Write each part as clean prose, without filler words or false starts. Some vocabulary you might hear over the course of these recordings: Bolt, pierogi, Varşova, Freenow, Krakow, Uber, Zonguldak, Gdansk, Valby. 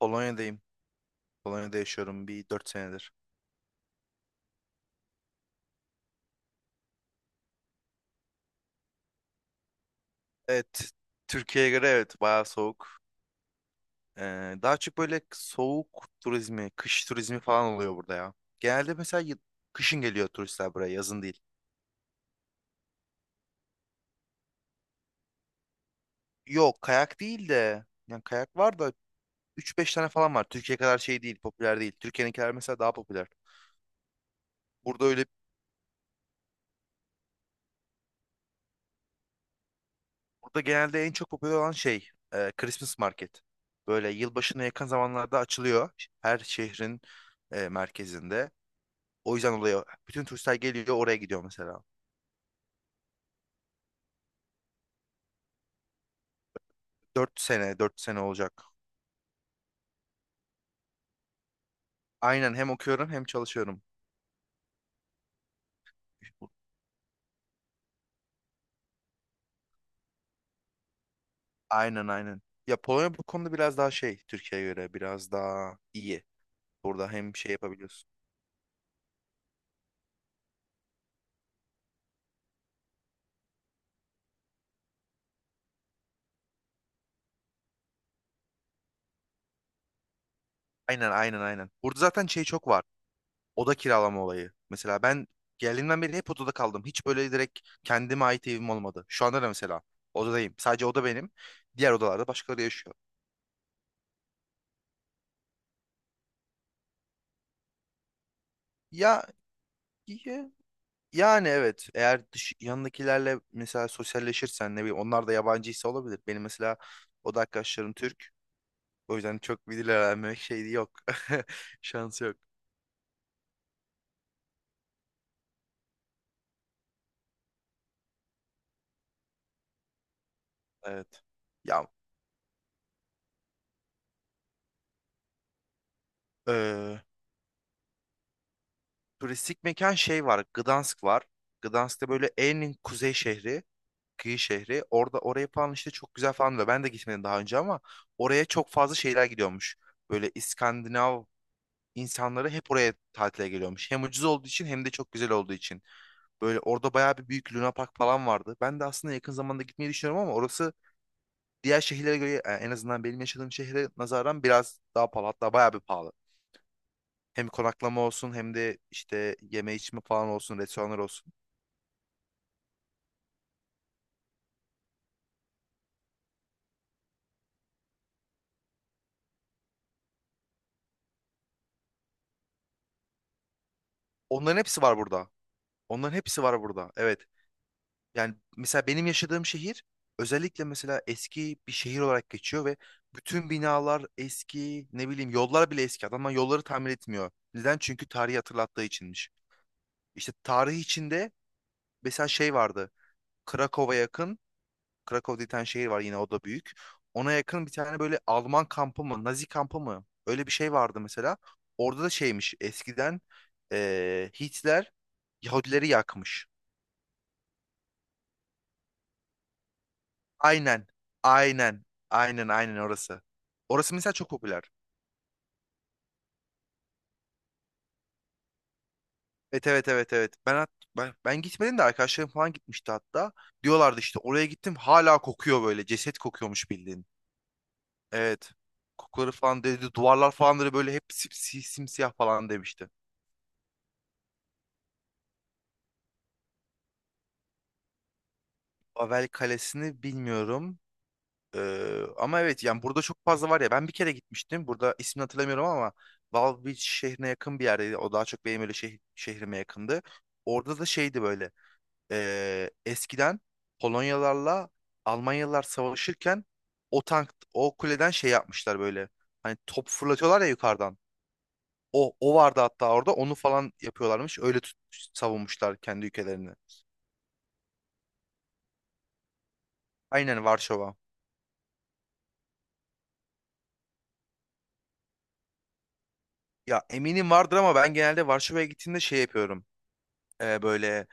Polonya'dayım. Polonya'da yaşıyorum bir 4 senedir. Evet, Türkiye'ye göre evet bayağı soğuk. Daha çok böyle soğuk turizmi, kış turizmi falan oluyor burada ya. Genelde mesela kışın geliyor turistler buraya, yazın değil. Yok, kayak değil de yani kayak var da üç beş tane falan var. Türkiye kadar şey değil, popüler değil. Türkiye'ninkiler mesela daha popüler. Burada öyle burada genelde en çok popüler olan şey Christmas market. Böyle yılbaşına yakın zamanlarda açılıyor her şehrin merkezinde. O yüzden oluyor. Bütün turistler geliyor oraya gidiyor mesela. 4 sene, 4 sene olacak. Aynen, hem okuyorum hem çalışıyorum. Aynen, aynen. Ya, Polonya bu konuda biraz daha şey, Türkiye'ye göre biraz daha iyi. Burada hem şey yapabiliyorsun. Aynen, aynen, aynen. Burada zaten şey çok var. Oda kiralama olayı. Mesela ben geldiğimden beri hep odada kaldım. Hiç böyle direkt kendime ait evim olmadı. Şu anda da mesela odadayım. Sadece oda benim. Diğer odalarda başkaları yaşıyor. Ya, yani evet, eğer yanındakilerle mesela sosyalleşirsen, ne bileyim, onlar da yabancıysa olabilir. Benim mesela oda arkadaşlarım Türk. O yüzden çok bir dil öğrenmek şeyi yok. Şansı yok. Evet. Ya, eee, turistik mekan şey var. Gdansk var. Gdansk'ta böyle en kuzey şehri. Kıyı şehri. Orada oraya falan işte çok güzel falan diyor. Ben de gitmedim daha önce ama oraya çok fazla şeyler gidiyormuş. Böyle İskandinav insanları hep oraya tatile geliyormuş. Hem ucuz olduğu için hem de çok güzel olduğu için. Böyle orada bayağı bir büyük Luna Park falan vardı. Ben de aslında yakın zamanda gitmeyi düşünüyorum ama orası diğer şehirlere göre, en azından benim yaşadığım şehre nazaran, biraz daha pahalı. Hatta bayağı bir pahalı. Hem konaklama olsun hem de işte yeme içme falan olsun, restoranlar olsun. Onların hepsi var burada. Onların hepsi var burada. Evet. Yani mesela benim yaşadığım şehir özellikle mesela eski bir şehir olarak geçiyor ve bütün binalar eski, ne bileyim, yollar bile eski. Adamlar yolları tamir etmiyor. Neden? Çünkü tarihi hatırlattığı içinmiş. İşte tarih içinde mesela şey vardı. Krakow'a yakın, Krakow diye bir tane şehir var yine, o da büyük. Ona yakın bir tane böyle Alman kampı mı, Nazi kampı mı? Öyle bir şey vardı mesela. Orada da şeymiş eskiden, Hitler Yahudileri yakmış. Aynen. Aynen. Aynen, aynen orası. Orası mesela çok popüler. Evet, evet, evet, evet. Ben gitmedim de arkadaşlarım falan gitmişti hatta. Diyorlardı işte oraya gittim hala kokuyor böyle. Ceset kokuyormuş bildiğin. Evet. Kokuları falan dedi. Duvarlar falan da böyle hep simsiyah falan demişti. Babel Kalesi'ni bilmiyorum. Ama evet, yani burada çok fazla var ya. Ben bir kere gitmiştim. Burada ismini hatırlamıyorum ama Valby şehrine yakın bir yerdeydi. O daha çok benim öyle şehrime yakındı. Orada da şeydi böyle. Eskiden Polonyalarla Almanyalılar savaşırken o tank o kuleden şey yapmışlar böyle. Hani top fırlatıyorlar ya yukarıdan. O vardı hatta, orada onu falan yapıyorlarmış. Öyle savunmuşlar kendi ülkelerini. Aynen, Varşova. Ya, eminim vardır ama ben genelde Varşova'ya gittiğimde şey yapıyorum. Böyle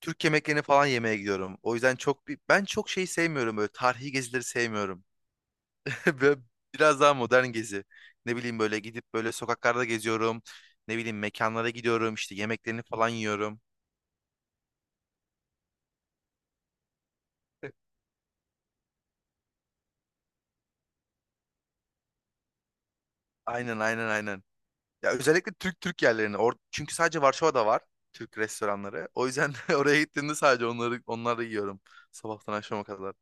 Türk yemeklerini falan yemeye gidiyorum. O yüzden ben çok şey sevmiyorum, böyle tarihi gezileri sevmiyorum. Böyle biraz daha modern gezi. Ne bileyim, böyle gidip böyle sokaklarda geziyorum. Ne bileyim, mekanlara gidiyorum işte, yemeklerini falan yiyorum. Aynen, aynen, aynen. Ya, özellikle Türk, Türk yerlerini. Çünkü sadece Varşova'da var Türk restoranları. O yüzden oraya gittiğimde sadece onları yiyorum sabahtan akşama kadar.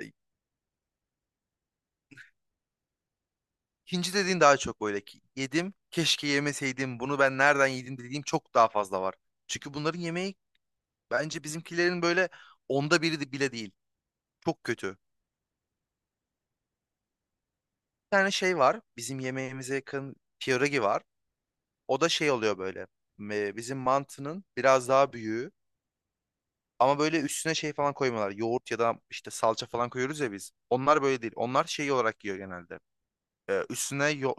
E, Hindi dediğin daha çok böyle ki yedim, keşke yemeseydim. Bunu ben nereden yedim dediğim çok daha fazla var. Çünkü bunların yemeği, bence bizimkilerin böyle onda biri bile değil. Çok kötü. Tane şey var. Bizim yemeğimize yakın pierogi var. O da şey oluyor böyle. Bizim mantının biraz daha büyüğü. Ama böyle üstüne şey falan koymuyorlar. Yoğurt ya da işte salça falan koyuyoruz ya biz. Onlar böyle değil. Onlar şey olarak yiyor genelde. Üstüne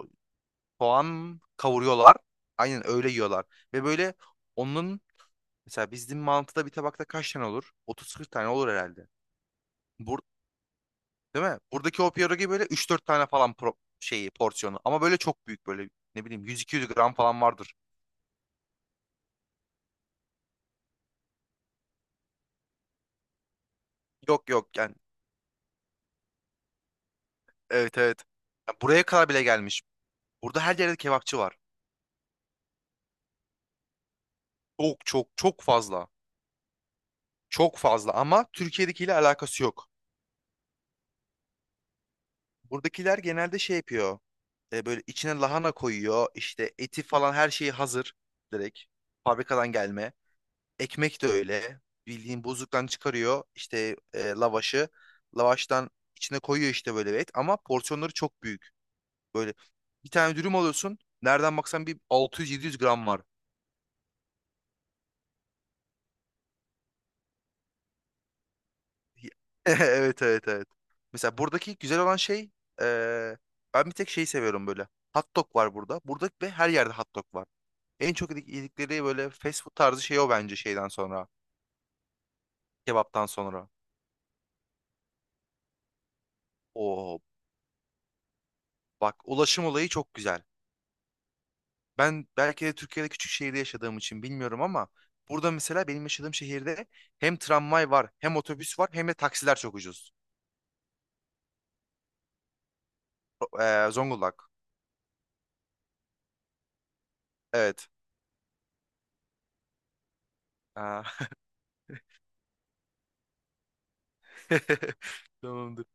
soğan kavuruyorlar. Aynen öyle yiyorlar. Ve böyle onun mesela bizim mantıda bir tabakta kaç tane olur? 30-40 tane olur herhalde. Bur Değil mi? Buradaki o pierogi böyle üç dört tane falan şeyi porsiyonu. Ama böyle çok büyük, böyle ne bileyim 100-200 gram falan vardır. Yok, yok, yani evet, evet. Ya, buraya kadar bile gelmiş. Burada her yerde kebapçı var. Çok, çok, çok fazla. Çok fazla ama Türkiye'dekiyle alakası yok. Buradakiler genelde şey yapıyor. Böyle içine lahana koyuyor. İşte eti falan, her şeyi hazır. Direkt fabrikadan gelme. Ekmek de öyle. Bildiğin buzluktan çıkarıyor. İşte lavaşı. Lavaştan içine koyuyor işte böyle bir et. Ama porsiyonları çok büyük. Böyle bir tane dürüm alıyorsun. Nereden baksan bir 600-700 gram var. Evet, evet, evet. Mesela buradaki güzel olan şey, eee, ben bir tek şeyi seviyorum böyle. Hot dog var burada. Burada ve her yerde hot dog var. En çok yedikleri böyle fast food tarzı şey o, bence şeyden sonra. Kebaptan sonra. Oo, bak, ulaşım olayı çok güzel. Ben belki de Türkiye'de küçük şehirde yaşadığım için bilmiyorum ama burada mesela benim yaşadığım şehirde hem tramvay var, hem otobüs var, hem de taksiler çok ucuz. Zonguldak. Evet. Aa. Tamamdır.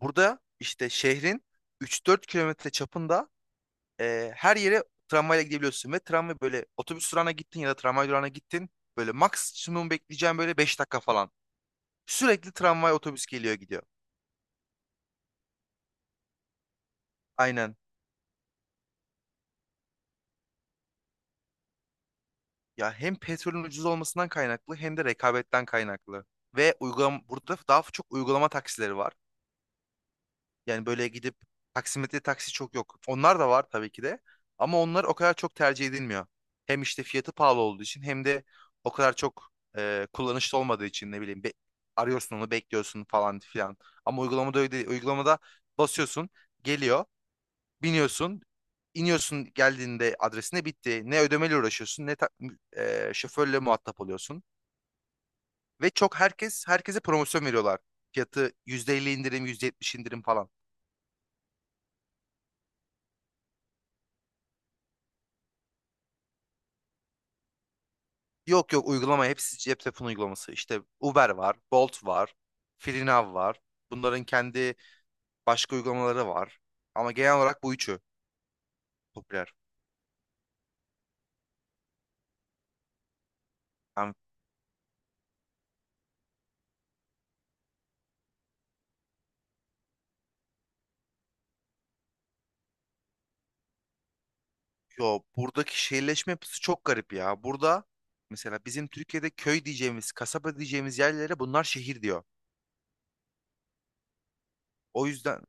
Burada işte şehrin 3-4 kilometre çapında, her yere tramvayla gidebiliyorsun ve tramvay, böyle otobüs durağına gittin ya da tramvay durağına gittin, böyle maksimum bekleyeceğim böyle 5 dakika falan. Sürekli tramvay, otobüs geliyor gidiyor. Aynen. Ya, hem petrolün ucuz olmasından kaynaklı hem de rekabetten kaynaklı. Ve uygulam, burada daha çok uygulama taksileri var. Yani böyle gidip taksimetre taksi çok yok. Onlar da var tabii ki de. Ama onlar o kadar çok tercih edilmiyor. Hem işte fiyatı pahalı olduğu için, hem de o kadar çok kullanışlı olmadığı için, ne bileyim arıyorsun, onu bekliyorsun falan filan. Ama uygulamada öyle değil. Uygulamada basıyorsun, geliyor, biniyorsun, iniyorsun, geldiğinde adresine bitti. Ne ödemeyle uğraşıyorsun, ne şoförle muhatap oluyorsun. Ve çok, herkes herkese promosyon veriyorlar. Fiyatı %50 indirim, %70 indirim falan. Yok, yok, uygulama hepsi cep telefonu uygulaması. İşte Uber var, Bolt var, Freenow var. Bunların kendi başka uygulamaları var. Ama genel olarak bu üçü popüler. Yani, yo, buradaki şehirleşme yapısı çok garip ya. Burada mesela bizim Türkiye'de köy diyeceğimiz, kasaba diyeceğimiz yerlere bunlar şehir diyor. O yüzden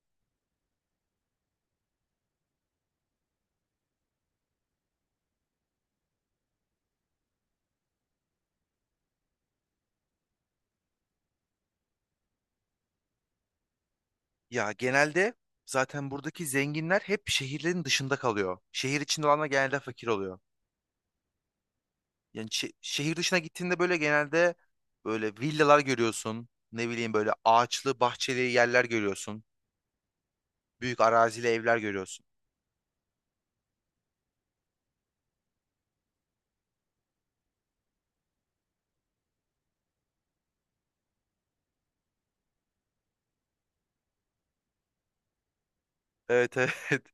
ya, genelde zaten buradaki zenginler hep şehirlerin dışında kalıyor. Şehir içinde olanlar genelde fakir oluyor. Yani şehir dışına gittiğinde böyle, genelde böyle villalar görüyorsun. Ne bileyim, böyle ağaçlı, bahçeli yerler görüyorsun. Büyük arazili evler görüyorsun. Evet, evet.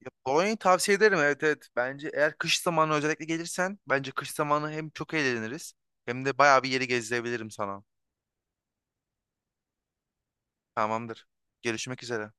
Ya, Polonya'yı tavsiye ederim, evet, evet. Bence eğer kış zamanı özellikle gelirsen, bence kış zamanı hem çok eğleniriz hem de bayağı bir yeri gezdirebilirim sana. Tamamdır. Görüşmek üzere.